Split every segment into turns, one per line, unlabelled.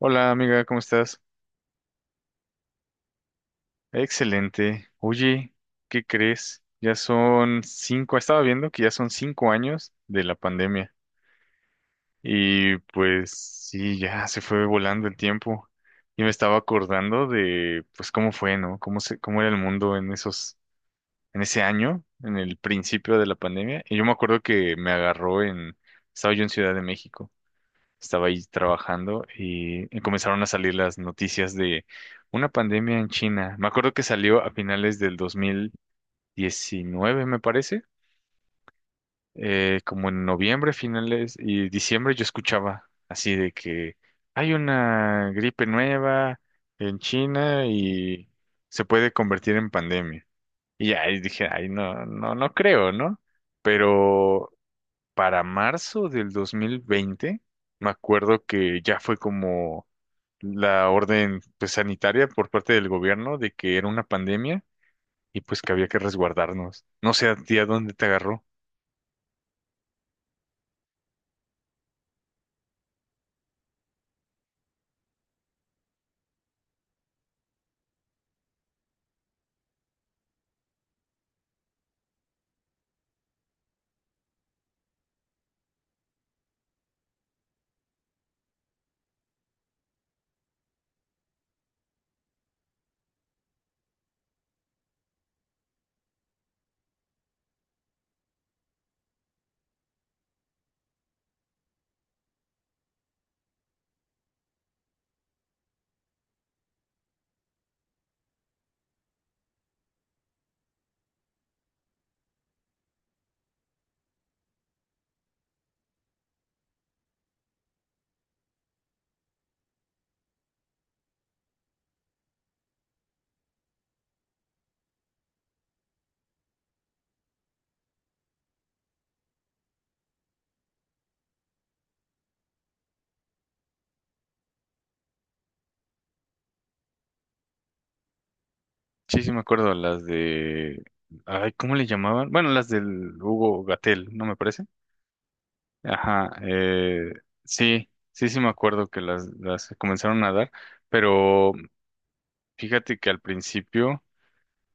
Hola amiga, ¿cómo estás? Excelente. Oye, ¿qué crees? Ya son cinco, estaba viendo que ya son cinco años de la pandemia y pues sí, ya se fue volando el tiempo y me estaba acordando de pues cómo fue, ¿no? Cómo se, cómo era el mundo en esos, en ese año, en el principio de la pandemia y yo me acuerdo que me agarró en, estaba yo en Ciudad de México. Estaba ahí trabajando y comenzaron a salir las noticias de una pandemia en China. Me acuerdo que salió a finales del 2019, me parece, como en noviembre, finales y diciembre yo escuchaba así de que hay una gripe nueva en China y se puede convertir en pandemia. Y ahí dije, ay, no, no, no creo, ¿no? Pero para marzo del 2020, me acuerdo que ya fue como la orden pues, sanitaria por parte del gobierno de que era una pandemia y pues que había que resguardarnos. No sé a ti a dónde te agarró. Sí, sí me acuerdo, las de... Ay, ¿cómo le llamaban? Bueno, las del Hugo Gatel, ¿no me parece? Ajá, sí, sí, sí me acuerdo que las comenzaron a dar, pero fíjate que al principio...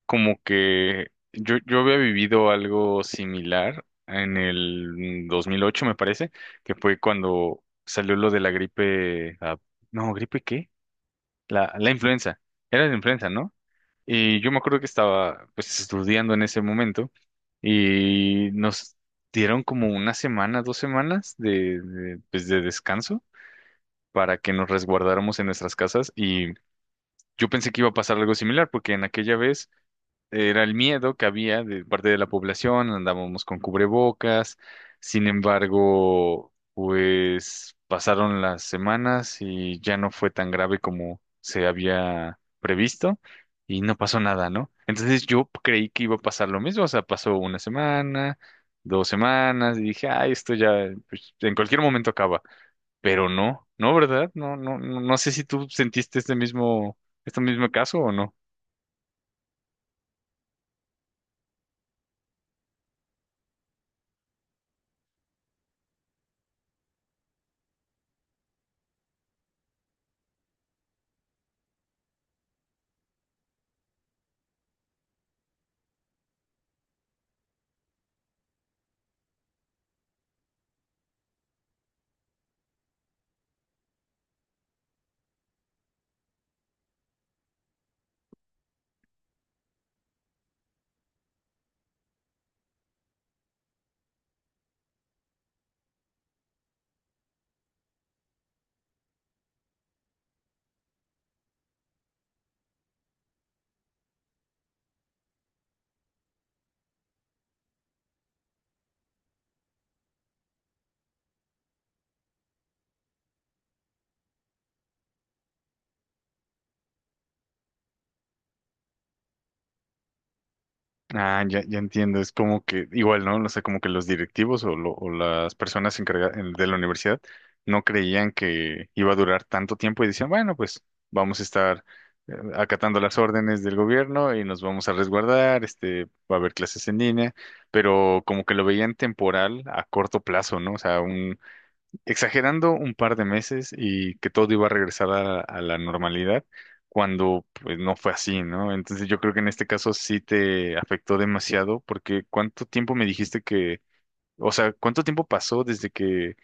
Como que yo había vivido algo similar en el 2008 me parece, que fue cuando salió lo de la gripe, ah, no, ¿gripe qué? La influenza, era la influenza, ¿no? Y yo me acuerdo que estaba pues estudiando en ese momento y nos dieron como una semana, dos semanas pues, de descanso para que nos resguardáramos en nuestras casas y yo pensé que iba a pasar algo similar porque en aquella vez era el miedo que había de parte de la población, andábamos con cubrebocas, sin embargo, pues pasaron las semanas y ya no fue tan grave como se había previsto y no pasó nada, ¿no? Entonces yo creí que iba a pasar lo mismo, o sea, pasó una semana, dos semanas y dije, ay, esto ya pues, en cualquier momento acaba, pero no, no, ¿verdad? No, no, no sé si tú sentiste este mismo caso o no. Ah, ya, ya entiendo, es como que igual, ¿no? O sea, como que los directivos o, lo- o las personas encargadas de la universidad no creían que iba a durar tanto tiempo y decían, bueno, pues vamos a estar acatando las órdenes del gobierno y nos vamos a resguardar, este, va a haber clases en línea, pero como que lo veían temporal a corto plazo, ¿no? O sea, exagerando un par de meses y que todo iba a regresar a la normalidad cuando pues no fue así, ¿no? Entonces yo creo que en este caso sí te afectó demasiado porque ¿cuánto tiempo me dijiste que, o sea, cuánto tiempo pasó desde que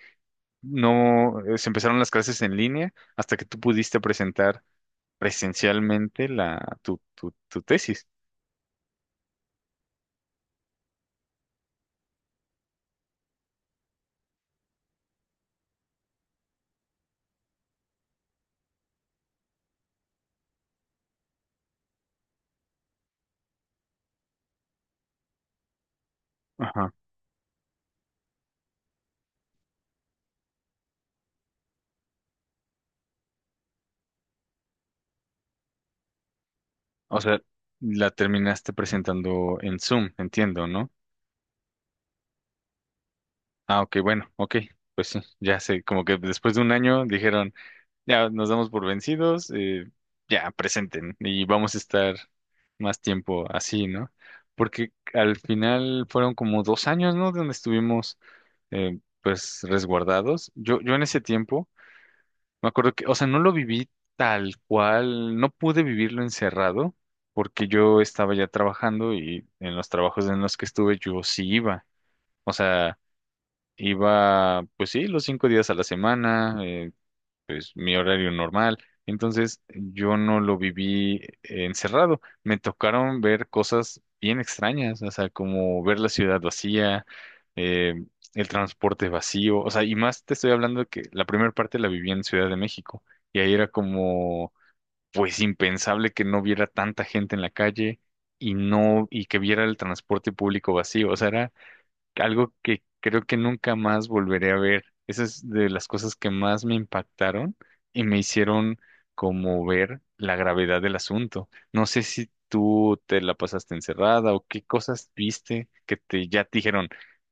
no se empezaron las clases en línea hasta que tú pudiste presentar presencialmente la tu tesis? Ajá. O sea, la terminaste presentando en Zoom, entiendo, ¿no? Ah, ok, bueno, ok, pues sí, ya sé, como que después de un año dijeron, ya nos damos por vencidos, ya presenten y vamos a estar más tiempo así, ¿no? Porque al final fueron como dos años, ¿no? Donde estuvimos, pues, resguardados. Yo en ese tiempo me acuerdo que, o sea, no lo viví tal cual, no pude vivirlo encerrado porque yo estaba ya trabajando y en los trabajos en los que estuve yo sí iba, o sea Iba, pues sí, los cinco días a la semana, pues mi horario normal. Entonces yo no lo viví encerrado. Me tocaron ver cosas bien extrañas, o sea, como ver la ciudad vacía, eh, el transporte vacío. O sea, y más te estoy hablando de que la primera parte la viví en Ciudad de México. Y ahí era como, pues impensable que no viera tanta gente en la calle y no, y que viera el transporte público vacío. O sea, era algo que creo que nunca más volveré a ver. Esa es de las cosas que más me impactaron y me hicieron como ver la gravedad del asunto. No sé si tú te la pasaste encerrada o qué cosas viste que te ya te dijeron,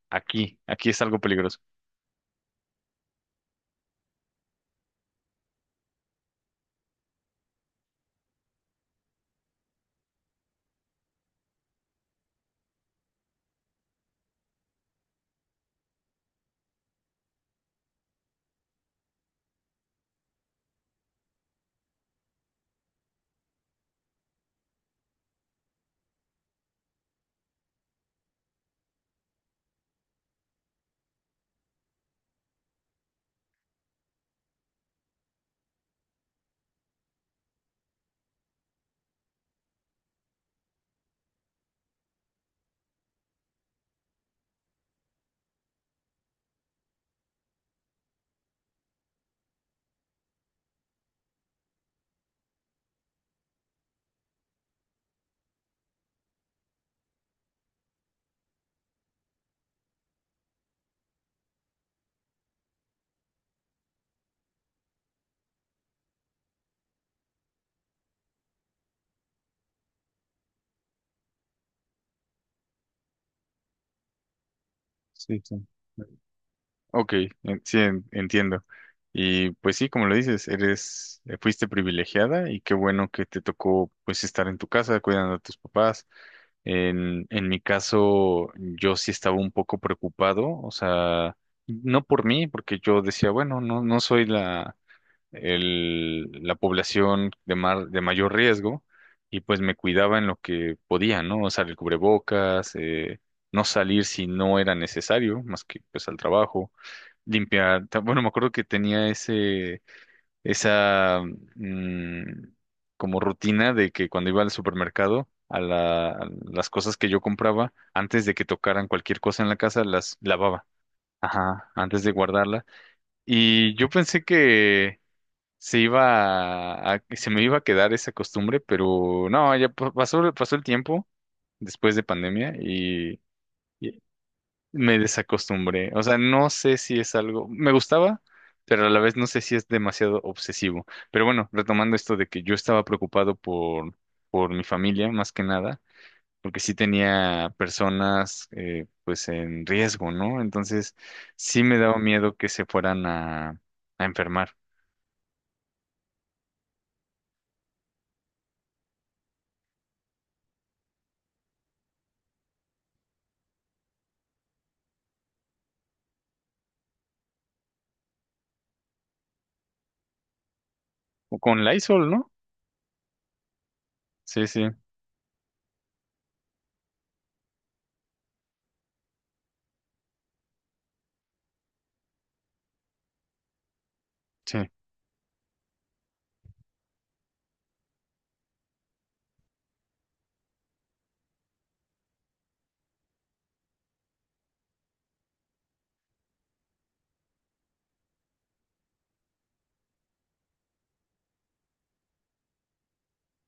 aquí, aquí es algo peligroso. Sí, sí. Ok, en- sí, en- entiendo. Y pues sí, como lo dices, eres, fuiste privilegiada y qué bueno que te tocó pues estar en tu casa cuidando a tus papás. En mi caso, yo sí estaba un poco preocupado, o sea, no por mí, porque yo decía, bueno, no, no soy la, el- la población de, mar- de mayor riesgo, y pues me cuidaba en lo que podía, ¿no? O sea, el cubrebocas, no salir si no era necesario, más que pues al trabajo, limpiar, ta- bueno, me acuerdo que tenía ese, esa mm, como rutina de que cuando iba al supermercado, a la- a las cosas que yo compraba, antes de que tocaran cualquier cosa en la casa, las lavaba, ah, antes de guardarla. Y yo pensé que se iba a- se me iba a quedar esa costumbre, pero no, ya pa- pasó, pasó el tiempo después de pandemia y me desacostumbré. O sea, no sé si es algo, me gustaba, pero a la vez no sé si es demasiado obsesivo. Pero bueno, retomando esto de que yo estaba preocupado por mi familia, más que nada, porque sí tenía personas pues en riesgo, ¿no? Entonces sí me daba miedo que se fueran a enfermar. O con Lysol, ¿no? Sí, sí, sí,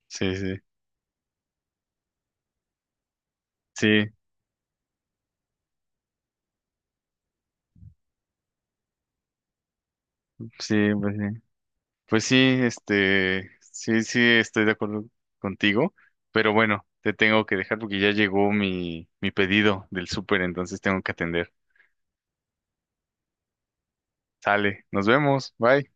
sí, sí. Sí, sí, pues, sí. Pues sí, este, sí, sí, estoy de acuerdo contigo, pero bueno, te tengo que dejar porque ya llegó mi, mi pedido del súper, entonces tengo que atender. Sale, nos vemos, bye.